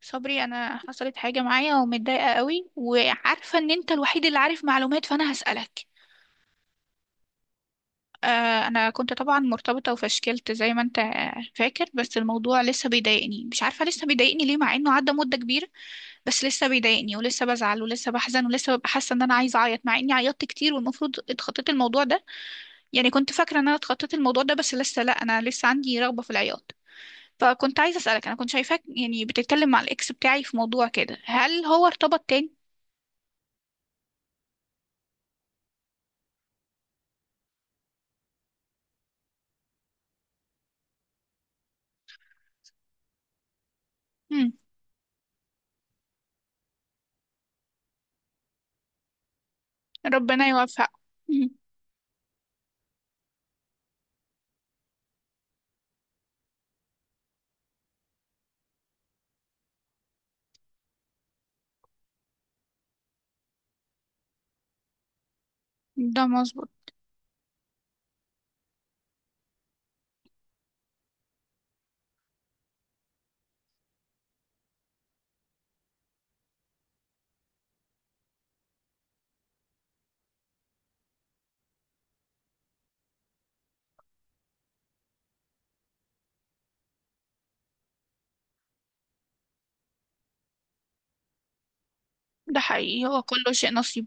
صبري، انا حصلت حاجه معايا ومتضايقه قوي، وعارفه ان انت الوحيد اللي عارف معلومات، فانا هسالك. آه، انا كنت طبعا مرتبطه وفشكلت زي ما انت فاكر. بس الموضوع لسه بيضايقني، مش عارفه لسه بيضايقني ليه مع انه عدى مده كبيره. بس لسه بيضايقني ولسه بزعل ولسه بحزن ولسه ببقى حاسه ان انا عايزه اعيط، مع اني عيطت كتير والمفروض اتخطيت الموضوع ده. يعني كنت فاكره ان انا اتخطيت الموضوع ده، بس لسه لا، انا لسه عندي رغبه في العياط. فكنت عايزه اسالك، انا كنت شايفاك يعني بتتكلم مع الاكس بتاعي في موضوع كده، هل هو ارتبط تاني؟ مم. ربنا يوفقه مم. ده مظبوط. ده حقيقي، هو كله شيء نصيب.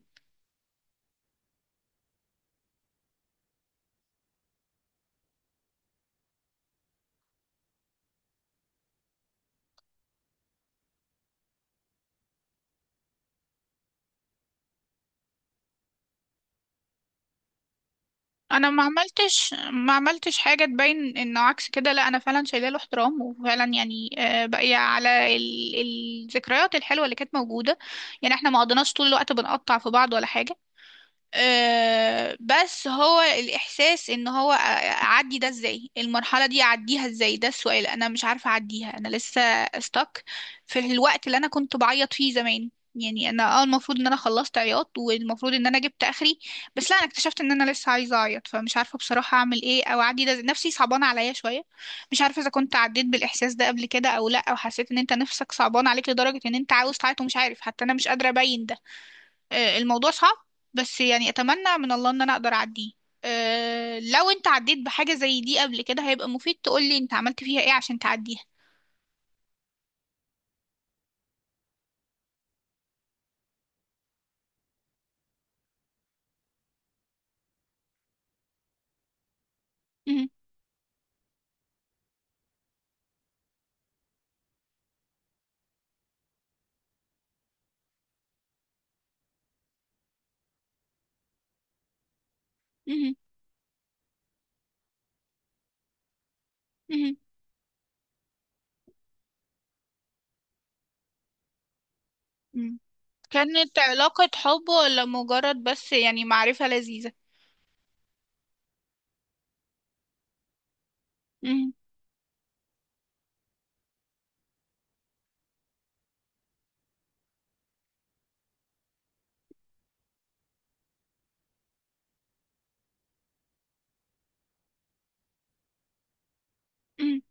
انا ما عملتش حاجه تبين انه عكس كده، لا انا فعلا شايله له احترام، وفعلا يعني باقيه على الذكريات الحلوه اللي كانت موجوده. يعني احنا ما قضيناش طول الوقت بنقطع في بعض ولا حاجه. بس هو الإحساس إن هو أعدي ده إزاي، المرحلة دي أعديها إزاي، ده السؤال. أنا مش عارفة أعديها، أنا لسه استك في الوقت اللي أنا كنت بعيط فيه زمان. يعني أنا المفروض إن أنا خلصت عياط، والمفروض إن أنا جبت آخري. بس لا، أنا اكتشفت إن أنا لسه عايزة أعيط، فمش عارفة بصراحة أعمل إيه أو أعدي ده إزاي. نفسي صعبانة عليا شوية. مش عارفة إذا كنت عديت بالإحساس ده قبل كده أو لأ، أو حسيت إن أنت نفسك صعبان عليك لدرجة إن أنت عاوز تعيط ومش عارف، حتى أنا مش قادرة أبين ده. الموضوع صعب، بس يعني اتمنى من الله ان انا اقدر اعديه. لو انت عديت بحاجة زي دي قبل كده، هيبقى مفيد تقولي انت عملت فيها ايه عشان تعديها. مهم. مهم. مهم. مهم. كانت علاقة حب ولا مجرد بس يعني معرفة لذيذة؟ مهم. مهم.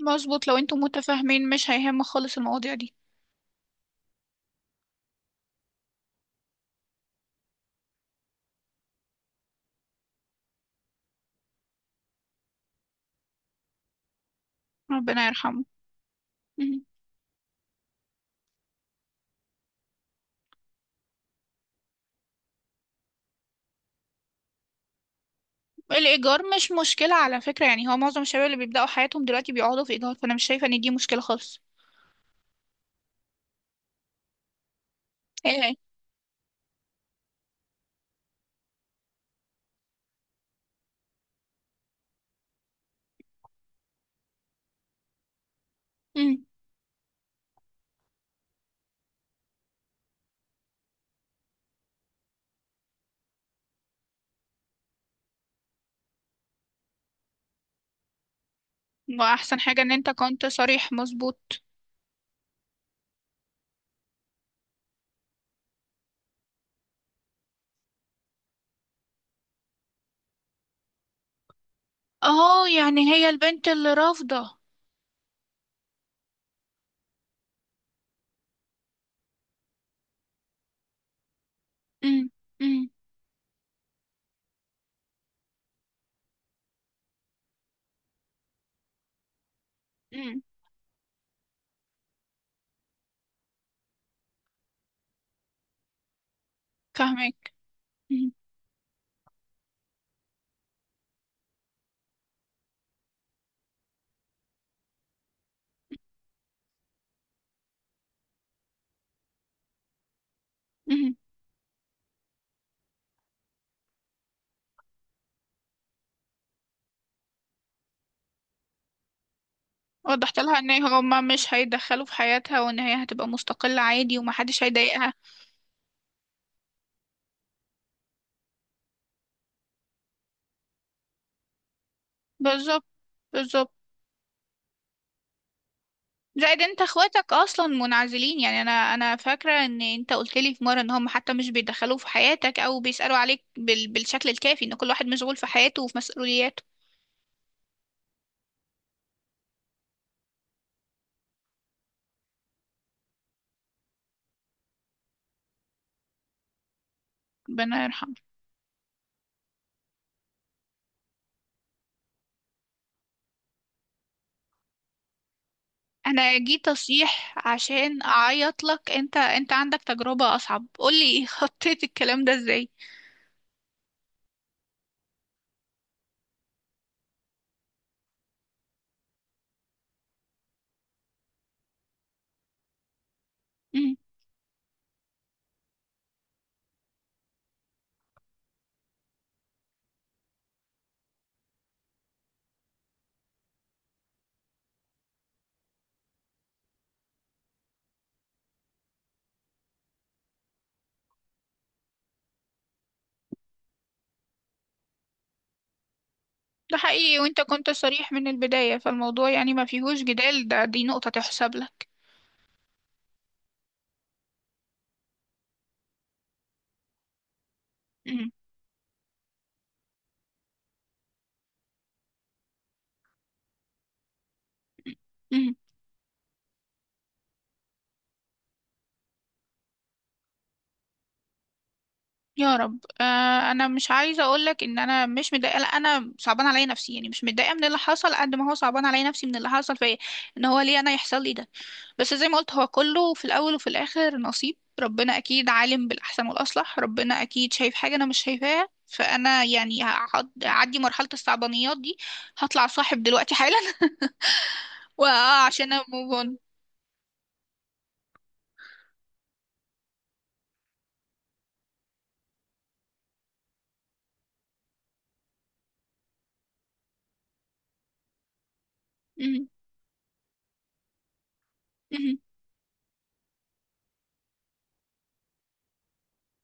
مظبوط، لو انتم متفاهمين مش هيهم خالص المواضيع دي. ربنا يرحمه. مهم. الإيجار مش مشكلة على فكرة، يعني هو معظم الشباب اللي بيبدأوا حياتهم دلوقتي بيقعدوا في إيجار، فأنا مش شايفة إن دي مشكلة خالص. ايه. مهم. واحسن حاجة ان انت كنت صريح، مظبوط. اه، يعني هي البنت اللي رافضة؟ امم، امم، امم. فاهمك. امم، امم. وضحت لها ان هما مش هيدخلوا في حياتها، وان هي هتبقى مستقلة عادي، ومحدش هيضايقها. بالظبط، بالظبط. زائد انت اخواتك اصلا منعزلين، يعني انا فاكرة ان انت قلت لي في مرة ان هم حتى مش بيدخلوا في حياتك او بيسألوا عليك بالشكل الكافي، ان كل واحد مشغول في حياته وفي مسؤولياته. ربنا يرحمه. انا جيت اصيح عشان اعيط لك، انت عندك تجربة اصعب، قولي خطيت الكلام ده ازاي؟ مم. ده حقيقي، وانت كنت صريح من البداية، فالموضوع يعني ما فيهوش جدال، دي نقطة تحسب لك. مم. يا رب. انا مش عايزه اقول لك ان انا مش متضايقه، لا، انا صعبان عليا نفسي، يعني مش متضايقه من اللي حصل قد ما هو صعبان عليا نفسي من اللي حصل فيا. ان هو ليه انا يحصل لي ده. بس زي ما قلت، هو كله في الاول وفي الاخر نصيب، ربنا اكيد عالم بالاحسن والاصلح، ربنا اكيد شايف حاجه انا مش شايفاها، فانا يعني هعدي مرحله الصعبانيات دي. هطلع صاحب دلوقتي حالا وعشان اموف اون. مهم. مهم.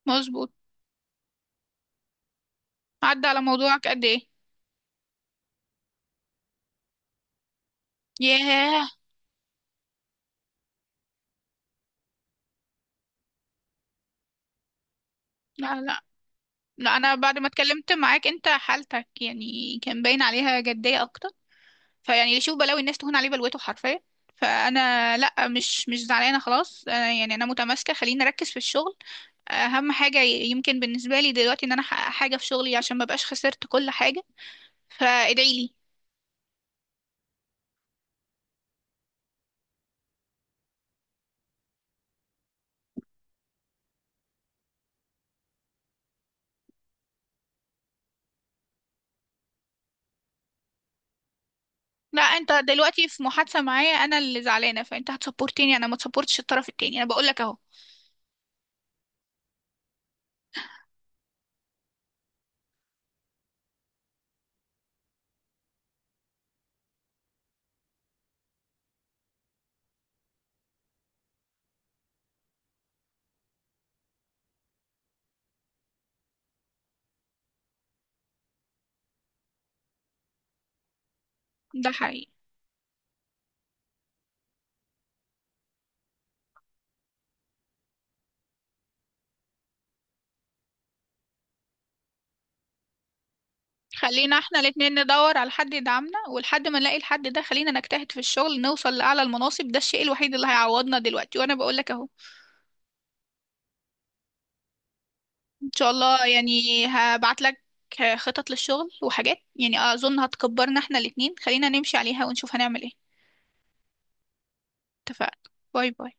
مظبوط. عدى على موضوعك قد ايه؟ ياه. لا، لا، لا، انا بعد ما اتكلمت معاك انت حالتك يعني كان باين عليها جدية اكتر. فيعني اللي يشوف بلاوي الناس تهون عليه بلوته حرفيا. فانا لا، مش زعلانه خلاص أنا يعني انا متماسكه، خليني اركز في الشغل. اهم حاجه يمكن بالنسبه لي دلوقتي ان انا احقق حاجه في شغلي عشان ما بقاش خسرت كل حاجه. فادعي لي. لا، انت دلوقتي في محادثه معايا انا اللي زعلانه، فانت هتسبورتني انا، ما تسبورتش الطرف التاني، انا بقول لك اهو. ده حقيقي. خلينا احنا الاتنين ندور على حد يدعمنا، ولحد ما نلاقي الحد ده خلينا نجتهد في الشغل، نوصل لأعلى المناصب، ده الشيء الوحيد اللي هيعوضنا دلوقتي، وانا بقول لك اهو. ان شاء الله، يعني هبعت لك خطط للشغل وحاجات، يعني اظن هتكبرنا احنا الاتنين، خلينا نمشي عليها ونشوف هنعمل ايه. اتفقنا. باي باي.